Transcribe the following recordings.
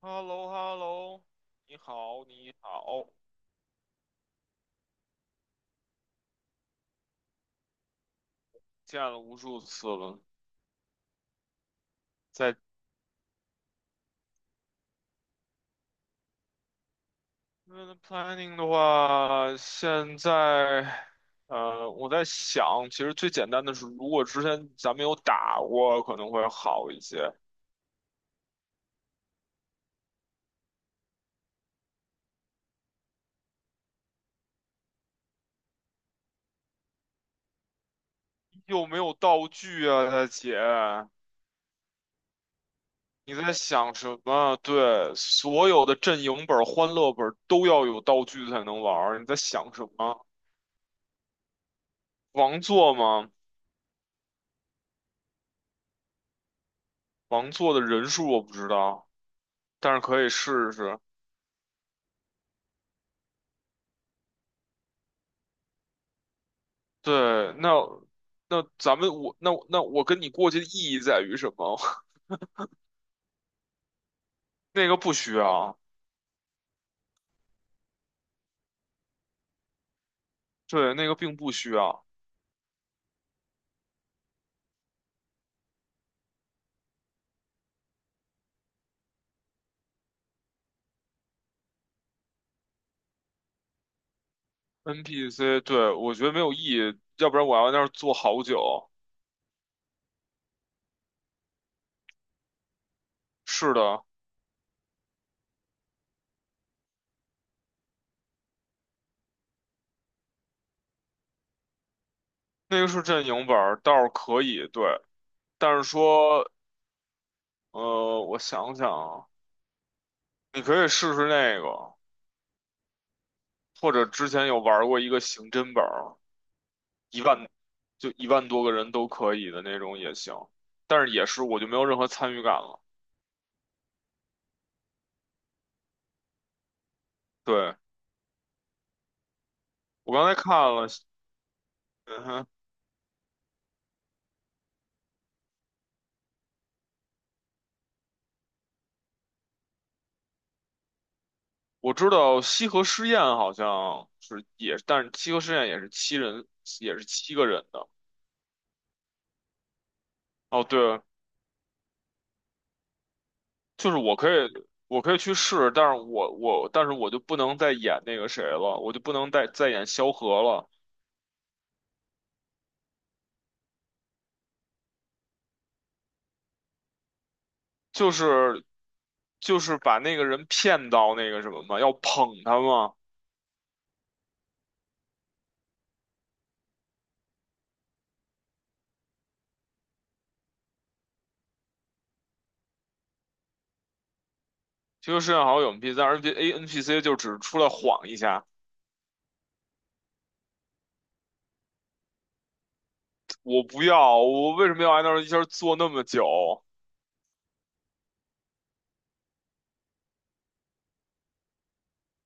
h e l l o h e l l o 你好，你好，见了无数次了。在嗯 planning 的话，现在我在想，其实最简单的是，如果之前咱们有打过，可能会好一些。又没有道具啊，大姐，你在想什么？对，所有的阵营本、欢乐本都要有道具才能玩儿，你在想什么？王座吗？王座的人数我不知道，但是可以试试。对，那那咱们我那那我跟你过去的意义在于什么？那个不需要，对，那个并不需要。NPC，对，我觉得没有意义，要不然我要在那儿坐好久。是的，那个是阵营本儿，倒是可以，对，但是说，我想想啊，你可以试试那个，或者之前有玩过一个刑侦本儿，一万就1万多个人都可以的那种也行，但是也是我就没有任何参与感了。对。我刚才看了，嗯哼，我知道西河试验好像是也，但是西河试验也是七人，也是七个人的。哦，对，就是我可以，我可以去试，但是我，但是我就不能再演那个谁了，我就不能再演萧何了，就是就是把那个人骗到那个什么嘛，要捧他嘛。西河试验好像有 NPC，但是 NPC 就只是出来晃一下，我不要，我为什么要挨那儿一下坐那么久？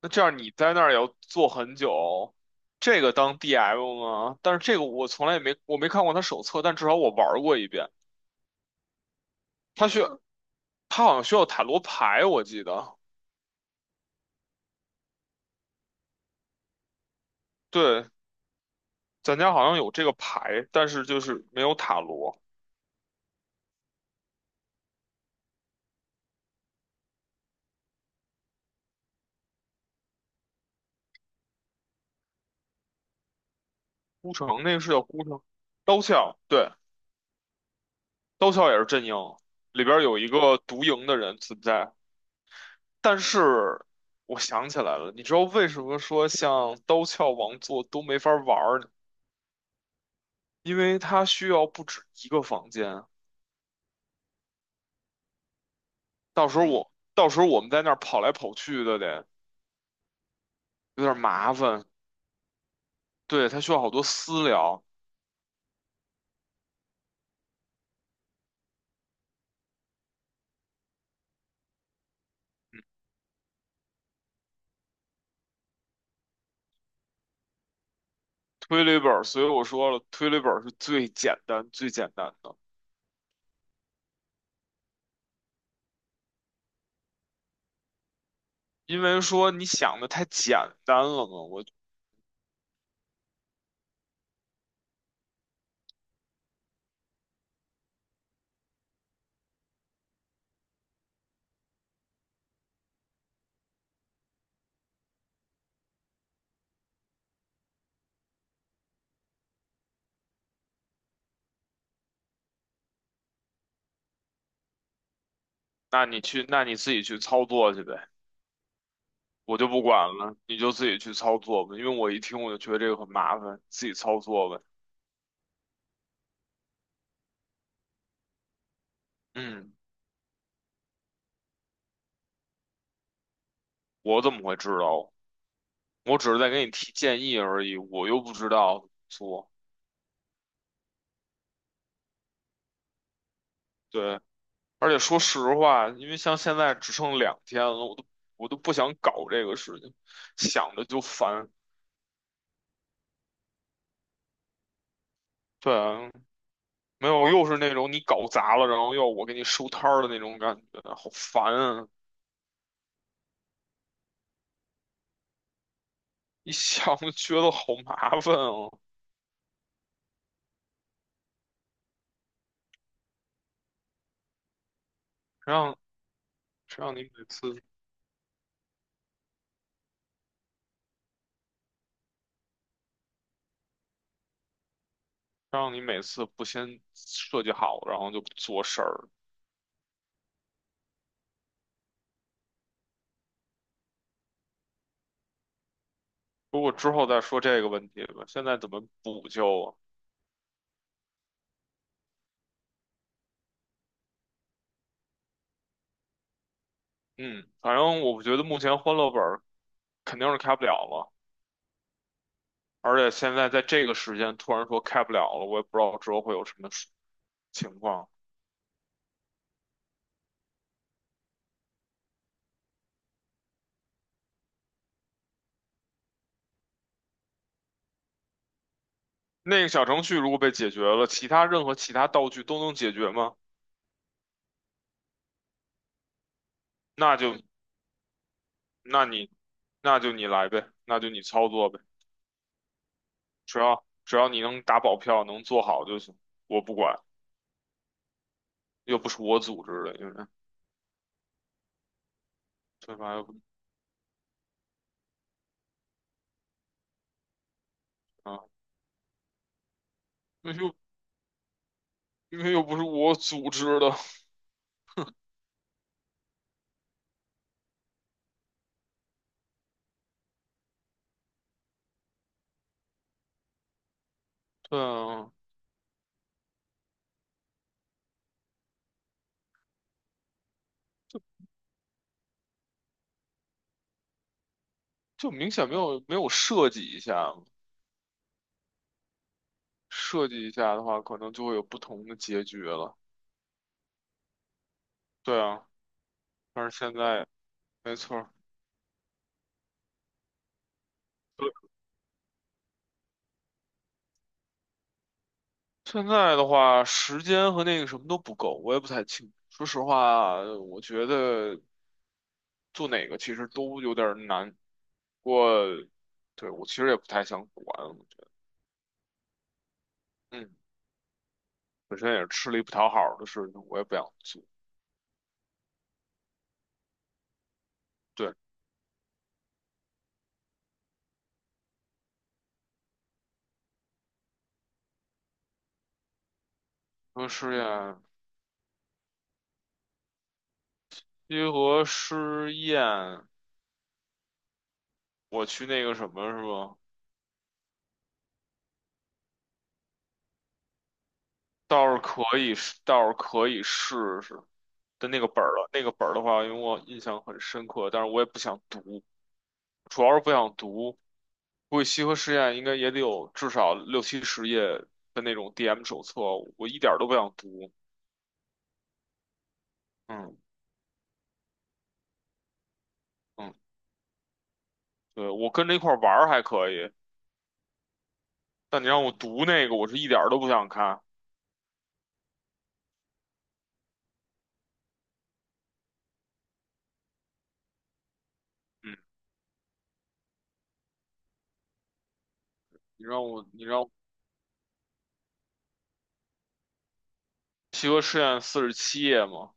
那这样你在那儿也要坐很久，这个当 DM 吗？但是这个我从来也没，我没看过他手册，但至少我玩儿过一遍。他需要，他好像需要塔罗牌，我记得。对，咱家好像有这个牌，但是就是没有塔罗。孤城那个是叫孤城，刀鞘，对，刀鞘也是阵营，里边儿有一个独赢的人存在。但是我想起来了，你知道为什么说像刀鞘王座都没法玩儿？因为它需要不止一个房间，到时候我们在那儿跑来跑去的得有点麻烦。对，它需要好多私聊，推理本儿，所以我说了，推理本儿是最简单最简单的，因为说你想的太简单了嘛，我那你去那你自己去操作去呗，我就不管了，你就自己去操作吧，因为我一听我就觉得这个很麻烦，自己操作呗。嗯，我怎么会知道？我只是在给你提建议而已，我又不知道怎么做。对。而且说实话，因为像现在只剩2天了，我都不想搞这个事情，想着就烦。对啊，没有，又是那种你搞砸了，然后要我给你收摊儿的那种感觉，好烦啊！一想就觉得好麻烦啊，谁让谁让你每次不先设计好，然后就不做事儿。如果之后再说这个问题吧，现在怎么补救啊？嗯，反正我觉得目前欢乐本儿肯定是开不了了。而且现在在这个时间突然说开不了了，我也不知道之后会有什么情况。那个小程序如果被解决了，其他任何其他道具都能解决吗？那就那你那就你来呗，那就你操作呗，只要你能打保票，能做好就行，我不管，又不是我组织的，因为对吧？又不啊，那又因为又不是我组织的，对啊，就明显没有设计一下嘛设计一下的话，可能就会有不同的结局了，对啊。但是现在没错儿，现在的话，时间和那个什么都不够，我也不太清楚。说实话，我觉得做哪个其实都有点儿难。不过，对，我其实也不太想管，我觉得，嗯，本身也是吃力不讨好的事情，我也不想做。对，说试验，结合试验，我去那个什么是吧？倒是可以试试。但那个本儿了，那个本儿的话，因为我印象很深刻，但是我也不想读。主要是不想读。估计西河实验应该也得有至少六七十页的那种 DM 手册，我一点儿都不想读。嗯嗯，对，我跟着一块儿玩儿还可以，但你让我读那个，我是一点儿都不想看。嗯，你让我你让我西河实验47页嘛，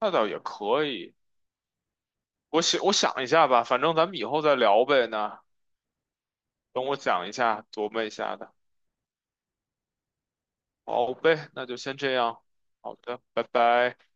那倒也可以。我想一下吧，反正咱们以后再聊呗。那等我讲一下，琢磨一下的。好呗，那就先这样。好的，拜拜。